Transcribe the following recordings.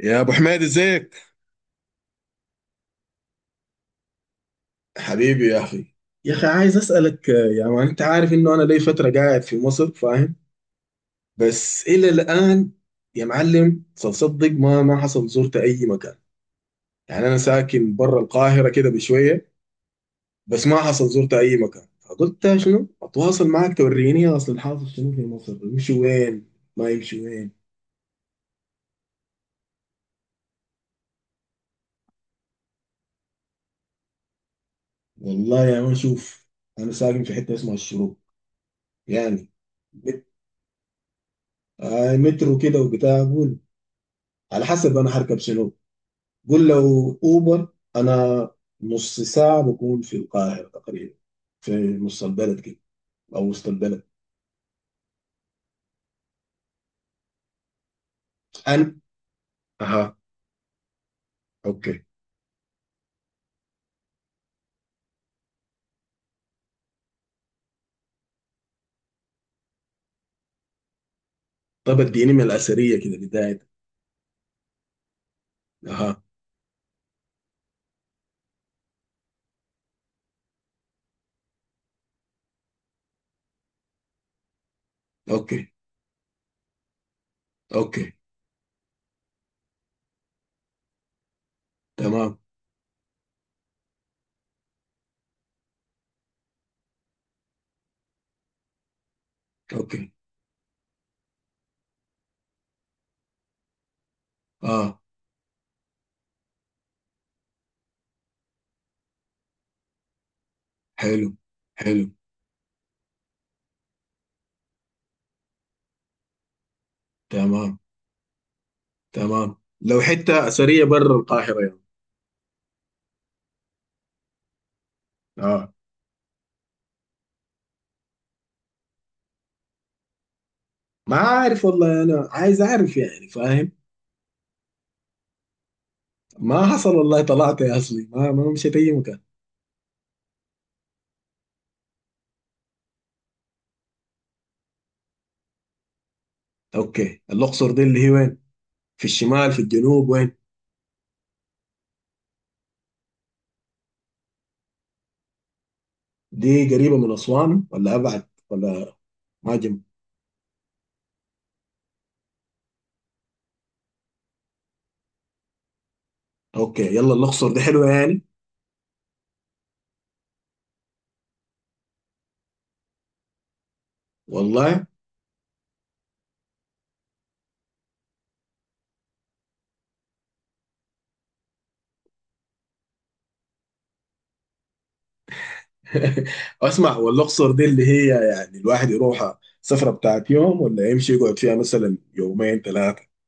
يا ابو حميد، ازيك؟ حبيبي يا أخي. يا أخي، عايز أسألك يا مان، أنت عارف إنه أنا لي فترة قاعد في مصر، فاهم؟ بس إلى الآن. يا معلم، تصدق ما حصل زرت أي مكان. يعني أنا ساكن برا القاهرة كده بشوية. بس ما حصل زرت أي مكان، فقلت شنو أتواصل معك توريني، أصل الحاصل شنو في مصر، يمشي وين؟ ما يمشي وين؟ والله يا مان، شوف. أنا ساكن في حتة اسمها الشروق. يعني. مت- مترو كده وبتاع أقول. على حسب أنا حركب شنو. قول لو اوبر. انا. نص ساعه بكون في القاهره تقريبا. في نص البلد كده. او وسط البلد. انا. اها. اوكي. طب اديني من الاثريه كده بدايه. اها. اوكي. اوكي. تمام. اوكي. اه. حلو. حلو. تمام. تمام. لو حته اثريه بره القاهره يعني. اه. ما عارف والله، انا عايز اعرف يعني، فاهم؟ ما حصل والله، طلعت يا اصلي ما مشيت اي مكان. اوكي، الاقصر دي اللي هي وين؟ في الشمال في الجنوب وين؟ دي قريبة من أسوان ولا أبعد ولا؟ معجم. أوكي، يلا الأقصر دي حلوة يعني؟ والله. أسمع، والأقصر دي اللي هي، يعني الواحد يروحها سفرة بتاعت يوم، ولا يمشي يقعد فيها مثلا يومين ثلاثة؟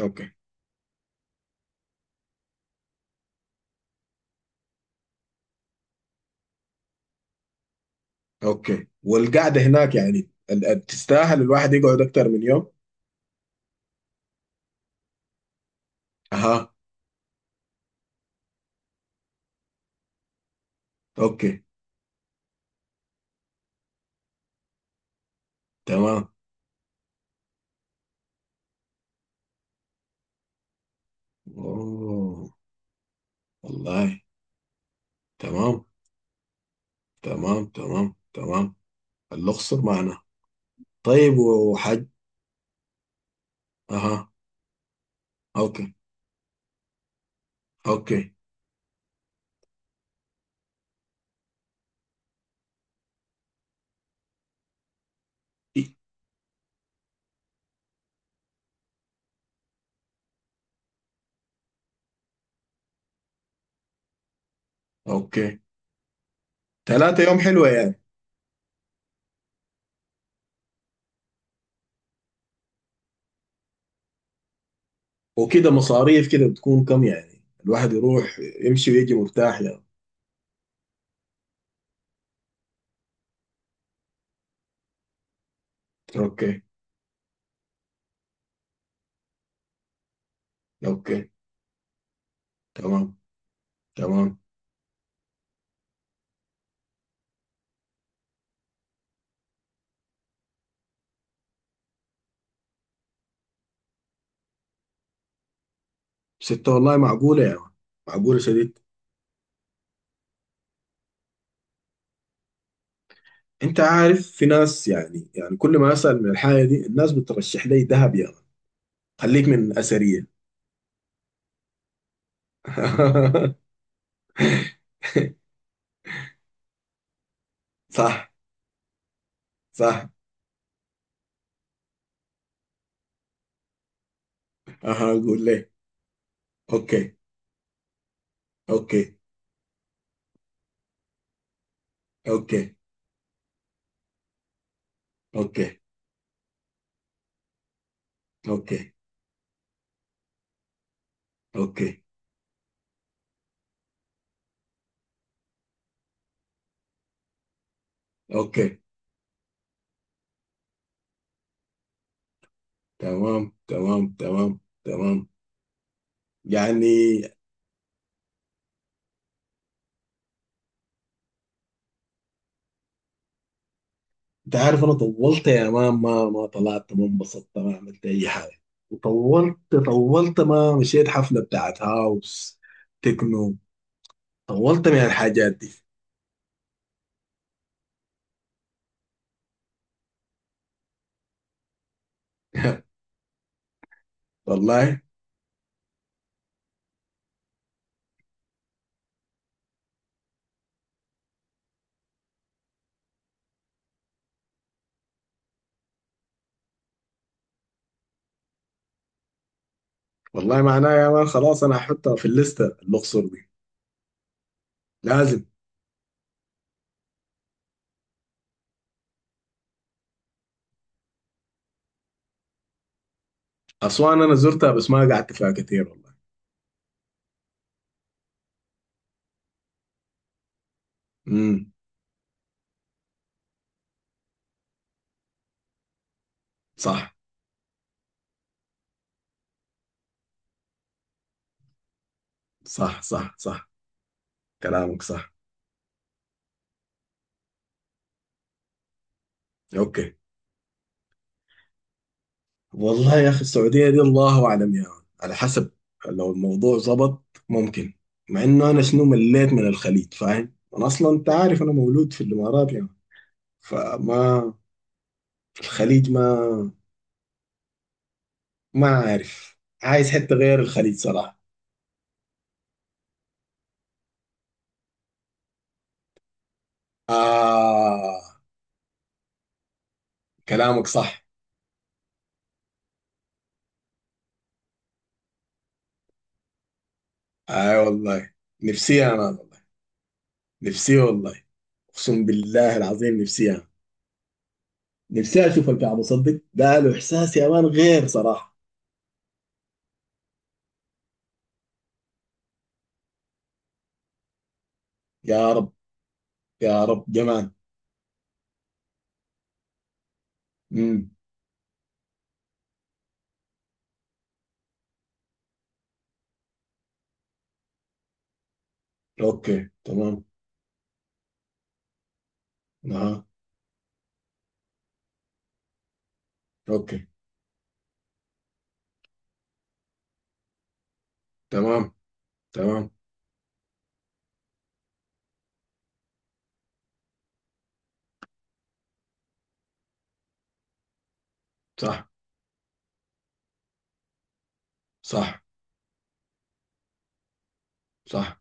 أوكي. أوكي، والقعدة هناك يعني تستاهل الواحد يقعد أكتر من يوم؟ أها. أوكي. تمام. أوه والله. تمام. تمام. تمام. تمام. الأقصر معنا. طيب وحج؟ أها. أوكي. أوكي. اوكي. 3 يوم حلوة يعني. وكده مصاريف كده بتكون كم يعني، الواحد يروح يمشي ويجي مرتاح يعني؟ اوكي. اوكي. تمام. تمام. ستة والله، معقولة يا يعني. معقولة شديد. انت عارف، في ناس يعني كل ما اسأل من الحاجة دي، الناس بترشح لي دهب يا يعني. خليك من أثرية. صح. صح. اها، اقول ليه؟ اوكي. اوكي. اوكي. اوكي. اوكي. اوكي. اوكي. تمام. تمام. تمام. تمام. يعني. انت عارف، انا طولت يا مان، ما طلعت، ما انبسطت، ما عملت اي حاجه. وطولت. طولت ما مشيت حفله بتاعت هاوس. تكنو. طولت من الحاجات دي. والله. والله، معناها يا مان، خلاص انا هحطها في الليسته، الاقصر دي. لازم. اسوان انا زرتها بس ما قعدت فيها كتير والله. امم. صح. صح. صح. صح، كلامك صح. اوكي. والله يا اخي، السعوديه دي الله اعلم يا مان. على حسب. لو الموضوع ظبط. ممكن. مع انه انا شنو، مليت من الخليج، فاهم، انا اصلا انت عارف انا مولود في الامارات يعني. فما. في الخليج ما. ما عارف. عايز حته غير الخليج صراحه. آه. كلامك صح. اي آه والله. نفسي انا والله. نفسي والله. اقسم بالله العظيم، النفسيه نفسي انا. نفسي اشوف الكعبه، صدق ده له احساس يا مان غير صراحه. يا رب. يا رب جمال. مم. اوكي. تمام. نعم. اوكي. تمام. تمام. صح. صح. صح.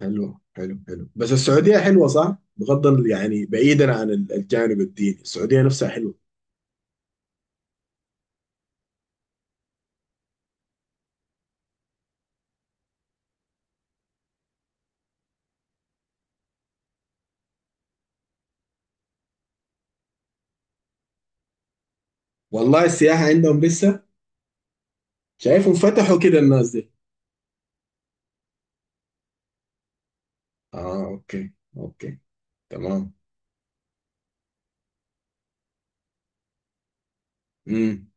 حلو. حلو. حلو. بس السعودية حلوة صح؟ بغض يعني، بعيدا عن الجانب الديني، السعودية نفسها حلوة. والله السياحة عندهم لسه. شايفهم فتحوا كده الناس دي. اه. اوكي. اوكي. تمام. امم.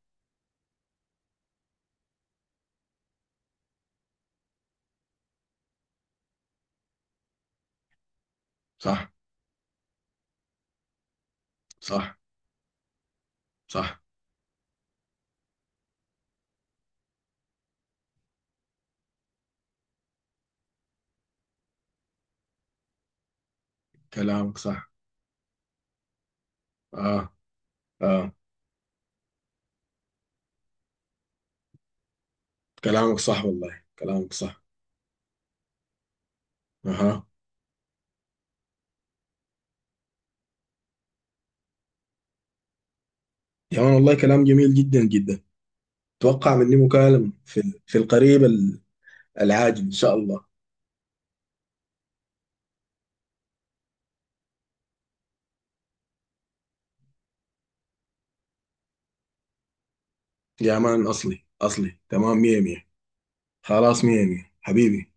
صح. صح. صح. كلامك صح. اه. اه. كلامك صح، والله كلامك صح. اها. يا مان، والله كلام جميل جدا جدا. اتوقع مني مكالمة في القريب. العاجل ان شاء الله. يا مان، اصلي اصلي تمام، مية مية. خلاص، مية مية حبيبي.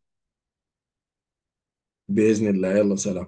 باذن الله، يلا سلام.